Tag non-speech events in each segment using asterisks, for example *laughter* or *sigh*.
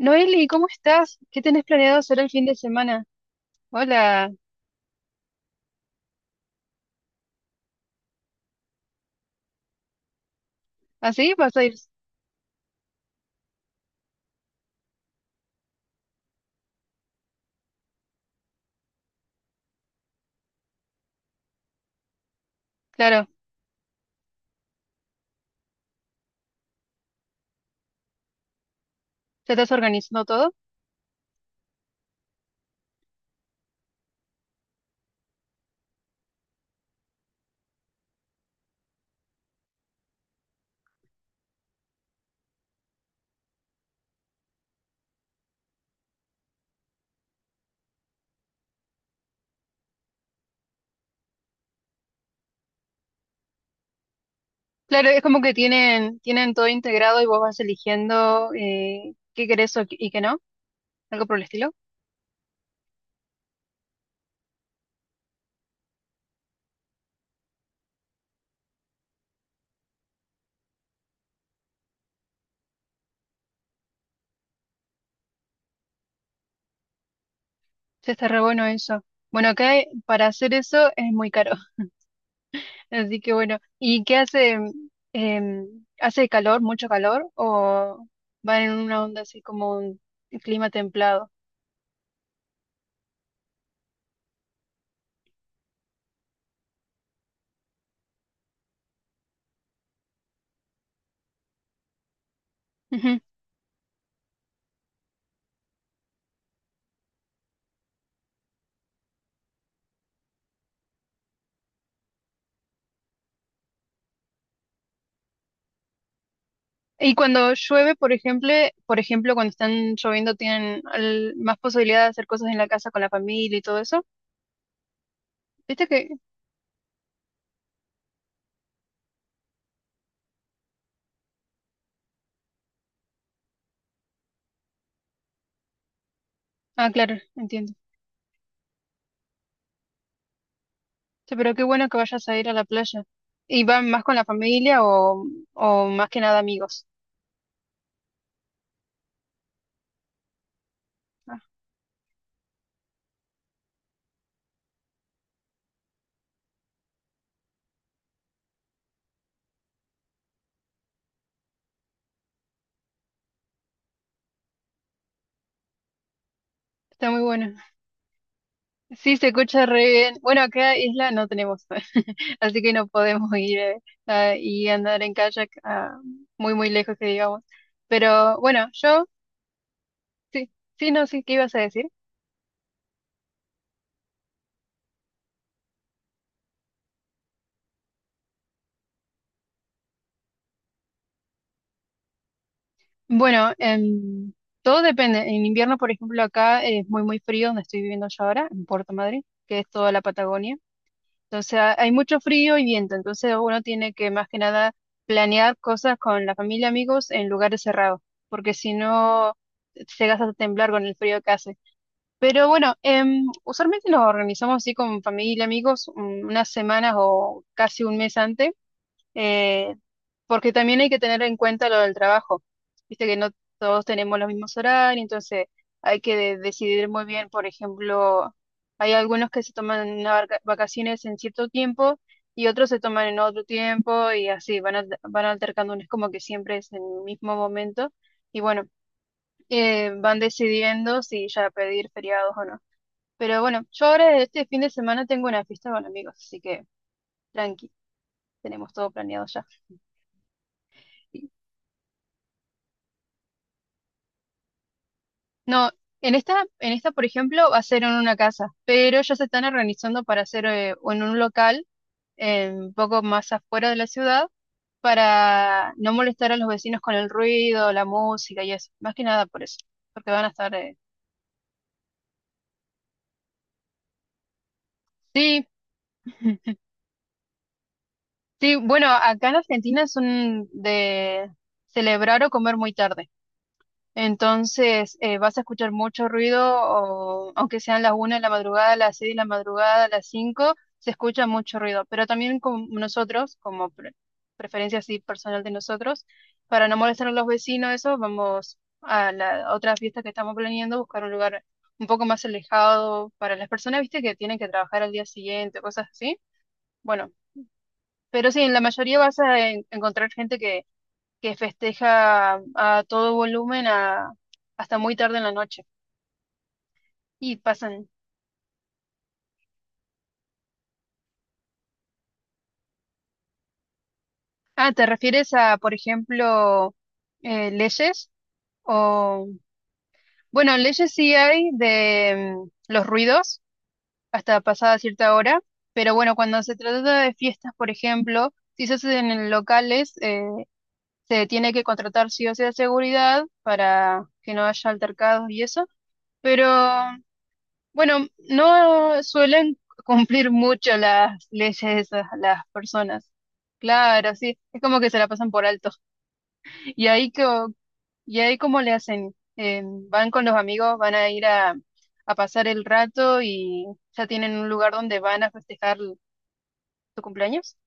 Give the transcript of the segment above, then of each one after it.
Noeli, ¿cómo estás? ¿Qué tenés planeado hacer el fin de semana? Hola, ¿así vas a ir? Claro, ¿te estás organizando todo? Claro, es como que tienen todo integrado y vos vas eligiendo qué querés o y qué no, algo por el estilo. Ya está re bueno eso. Bueno, acá para hacer eso es muy caro, *laughs* así que bueno. ¿Y qué hace? ¿Hace calor, mucho calor? ¿O van en una onda así como un clima templado? Y cuando llueve, por ejemplo, cuando están lloviendo tienen más posibilidad de hacer cosas en la casa con la familia y todo eso. ¿Viste que? Ah, claro, entiendo. Sí, pero qué bueno que vayas a ir a la playa. ¿Y van más con la familia o más que nada amigos? Ah, está muy bueno. Sí, se escucha re bien. Bueno, acá isla no tenemos, *laughs* así que no podemos ir y andar en kayak muy, muy lejos que digamos. Pero bueno, yo, sí, sí, no sé qué ibas a decir. Bueno, todo depende. En invierno, por ejemplo, acá es muy, muy frío, donde estoy viviendo yo ahora, en Puerto Madrid, que es toda la Patagonia. Entonces hay mucho frío y viento, entonces uno tiene que más que nada planear cosas con la familia, amigos, en lugares cerrados, porque si no, llegas a temblar con el frío que hace. Pero bueno, usualmente nos organizamos así con familia, amigos, unas semanas o casi un mes antes eh, porque también hay que tener en cuenta lo del trabajo. Viste que no todos tenemos los mismos horarios, entonces hay que decidir muy bien, por ejemplo, hay algunos que se toman una vacaciones en cierto tiempo y otros se toman en otro tiempo y así van, van altercando, no es como que siempre es en el mismo momento y bueno, van decidiendo si ya pedir feriados o no. Pero bueno, yo ahora este fin de semana tengo una fiesta con amigos, así que tranqui, tenemos todo planeado ya. No, en esta, por ejemplo, va a ser en una casa, pero ya se están organizando para hacer en un local un poco más afuera de la ciudad para no molestar a los vecinos con el ruido, la música y eso. Más que nada por eso, porque van a estar. Sí, *laughs* sí, bueno, acá en Argentina son de celebrar o comer muy tarde. Entonces, vas a escuchar mucho ruido, o, aunque sean las 1 de la madrugada, las 6 de la madrugada, las 5 se escucha mucho ruido. Pero también con nosotros, como preferencia así personal de nosotros, para no molestar a los vecinos, eso, vamos a la otra fiesta que estamos planeando, buscar un lugar un poco más alejado para las personas, viste, que tienen que trabajar al día siguiente, cosas así. Bueno, pero sí, en la mayoría vas a encontrar gente que festeja a todo volumen hasta muy tarde en la noche. Y pasan. Ah, ¿te refieres a, por ejemplo, leyes? O, bueno, leyes sí hay de los ruidos hasta pasada cierta hora, pero bueno, cuando se trata de fiestas, por ejemplo, si se hacen en locales, se tiene que contratar sí o sí a seguridad para que no haya altercados y eso. Pero bueno, no suelen cumplir mucho las leyes esas, las personas. Claro, sí, es como que se la pasan por alto. ¿Y ahí, que y ahí cómo le hacen? ¿Van con los amigos, van a ir a pasar el rato y ya tienen un lugar donde van a festejar tu cumpleaños?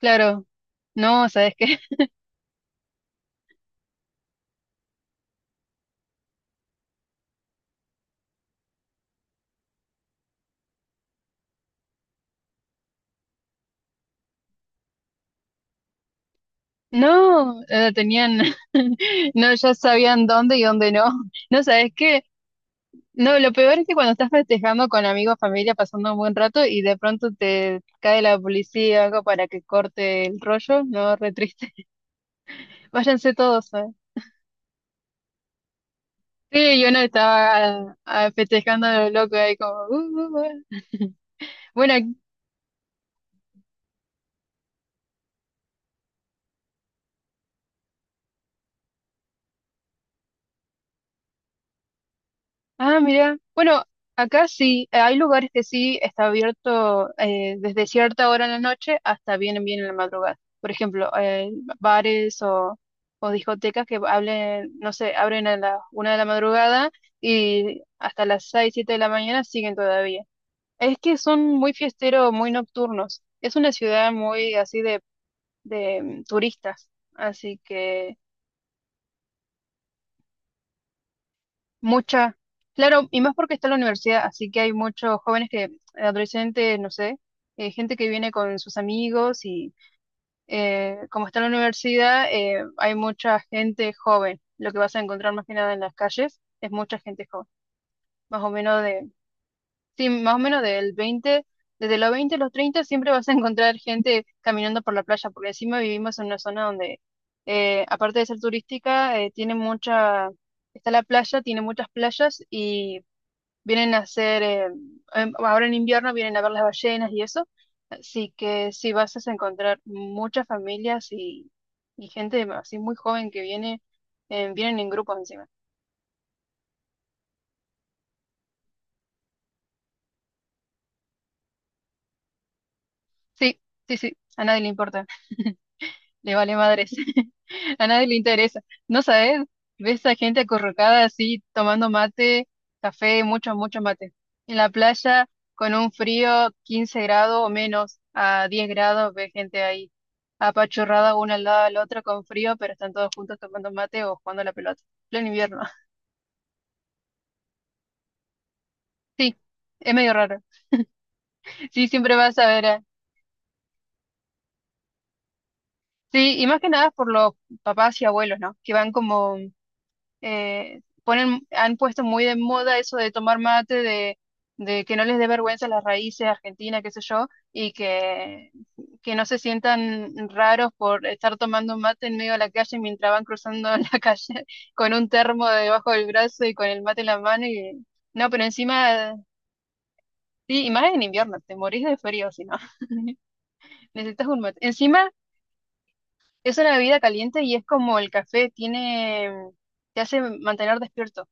Claro, no, ¿sabes qué? *laughs* No, tenían, *laughs* no, ya sabían dónde y dónde no. No, ¿sabes qué? No, lo peor es que cuando estás festejando con amigos, familia, pasando un buen rato y de pronto te cae la policía o algo para que corte el rollo, no, re triste. *laughs* Váyanse todos, ¿sabes? Sí, yo no estaba festejando a lo loco ahí como... uh". Bueno, ah, mira. Bueno, acá sí, hay lugares que sí está abierto desde cierta hora en la noche hasta bien bien en la madrugada. Por ejemplo, bares o discotecas que hablen, no sé, abren a las 1 de la madrugada y hasta las 6, 7 de la mañana siguen todavía. Es que son muy fiesteros, muy nocturnos. Es una ciudad muy así de turistas, así que mucha, claro, y más porque está la universidad, así que hay muchos jóvenes que, adolescentes, no sé, gente que viene con sus amigos y como está la universidad, hay mucha gente joven. Lo que vas a encontrar más que nada en las calles es mucha gente joven, más o menos de, sí, más o menos del 20 desde los 20 a los 30 siempre vas a encontrar gente caminando por la playa, porque encima vivimos en una zona donde, aparte de ser turística, tiene está la playa, tiene muchas playas y Vienen a hacer, em, ahora en invierno vienen a ver las ballenas y eso. Así que sí, vas a encontrar muchas familias y gente así muy joven que vienen en grupos encima. Sí, sí, sí, a nadie le importa. Le vale madres. *laughs* A nadie le interesa. No sabes, ves a gente acurrucada así, tomando mate, café, mucho, mucho mate. En la playa, con un frío 15 grados o menos, a 10 grados, ves gente ahí, apachurrada una al lado de la otra con frío, pero están todos juntos tomando mate o jugando a la pelota. Pleno invierno. *laughs* Sí, es medio raro. Sí, siempre vas a ver. Sí, y más que nada por los papás y abuelos, ¿no? Que van como han puesto muy de moda eso de tomar mate, de que no les dé vergüenza las raíces argentinas, qué sé yo, y que no se sientan raros por estar tomando mate en medio de la calle mientras van cruzando *laughs* la calle con un termo debajo del brazo y con el mate en la mano. Y, no, pero encima, sí, y más en invierno, te morís de frío si no, *laughs* necesitas un mate. Encima es una bebida caliente y es como el café, te hace mantener despierto.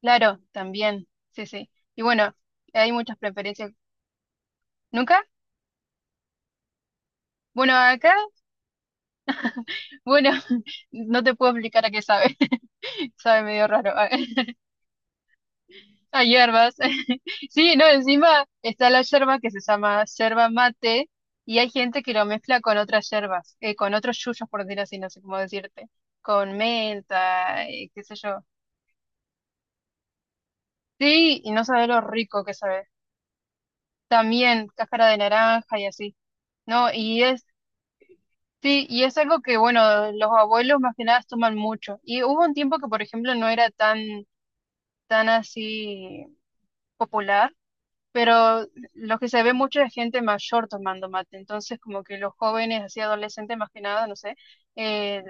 Claro, también, sí, sí. Y bueno, hay muchas preferencias. ¿Nunca? Bueno, acá, bueno, *laughs* no te puedo explicar a qué sabe, *laughs* sabe medio raro, a, *laughs* a hierbas. *laughs* Sí, no, encima está la yerba que se llama yerba mate y hay gente que lo mezcla con otras yerbas, con otros yuyos, por decir así, no sé cómo decirte, con menta, qué sé yo. Sí, y no sabe lo rico que sabe. También cáscara de naranja y así. No, y es Sí, y es algo que, bueno, los abuelos más que nada toman mucho. Y hubo un tiempo que, por ejemplo, no era tan así popular, pero lo que se ve mucho es gente mayor tomando mate. Entonces, como que los jóvenes, así adolescentes más que nada, no sé, eh,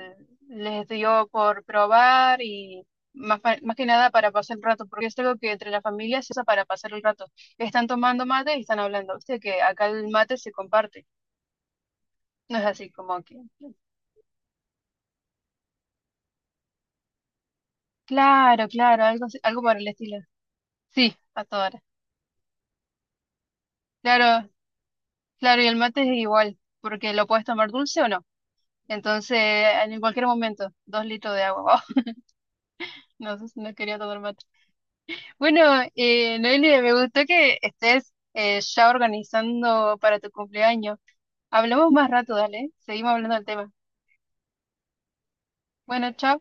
les dio por probar y más, más que nada para pasar el rato, porque es algo que entre las familias se usa para pasar el rato. Están tomando mate y están hablando. Viste que acá el mate se comparte. No es así como que claro, claro, algo, algo por el estilo. Sí, a toda hora. Claro, claro, y el mate es igual, porque lo puedes tomar dulce o no. Entonces, en cualquier momento, 2 litros de agua. *laughs* no, sé si no quería tomar mate. Bueno, Noelia, me gustó que estés ya organizando para tu cumpleaños. Hablamos más rato, dale. Seguimos hablando del tema. Bueno, chao.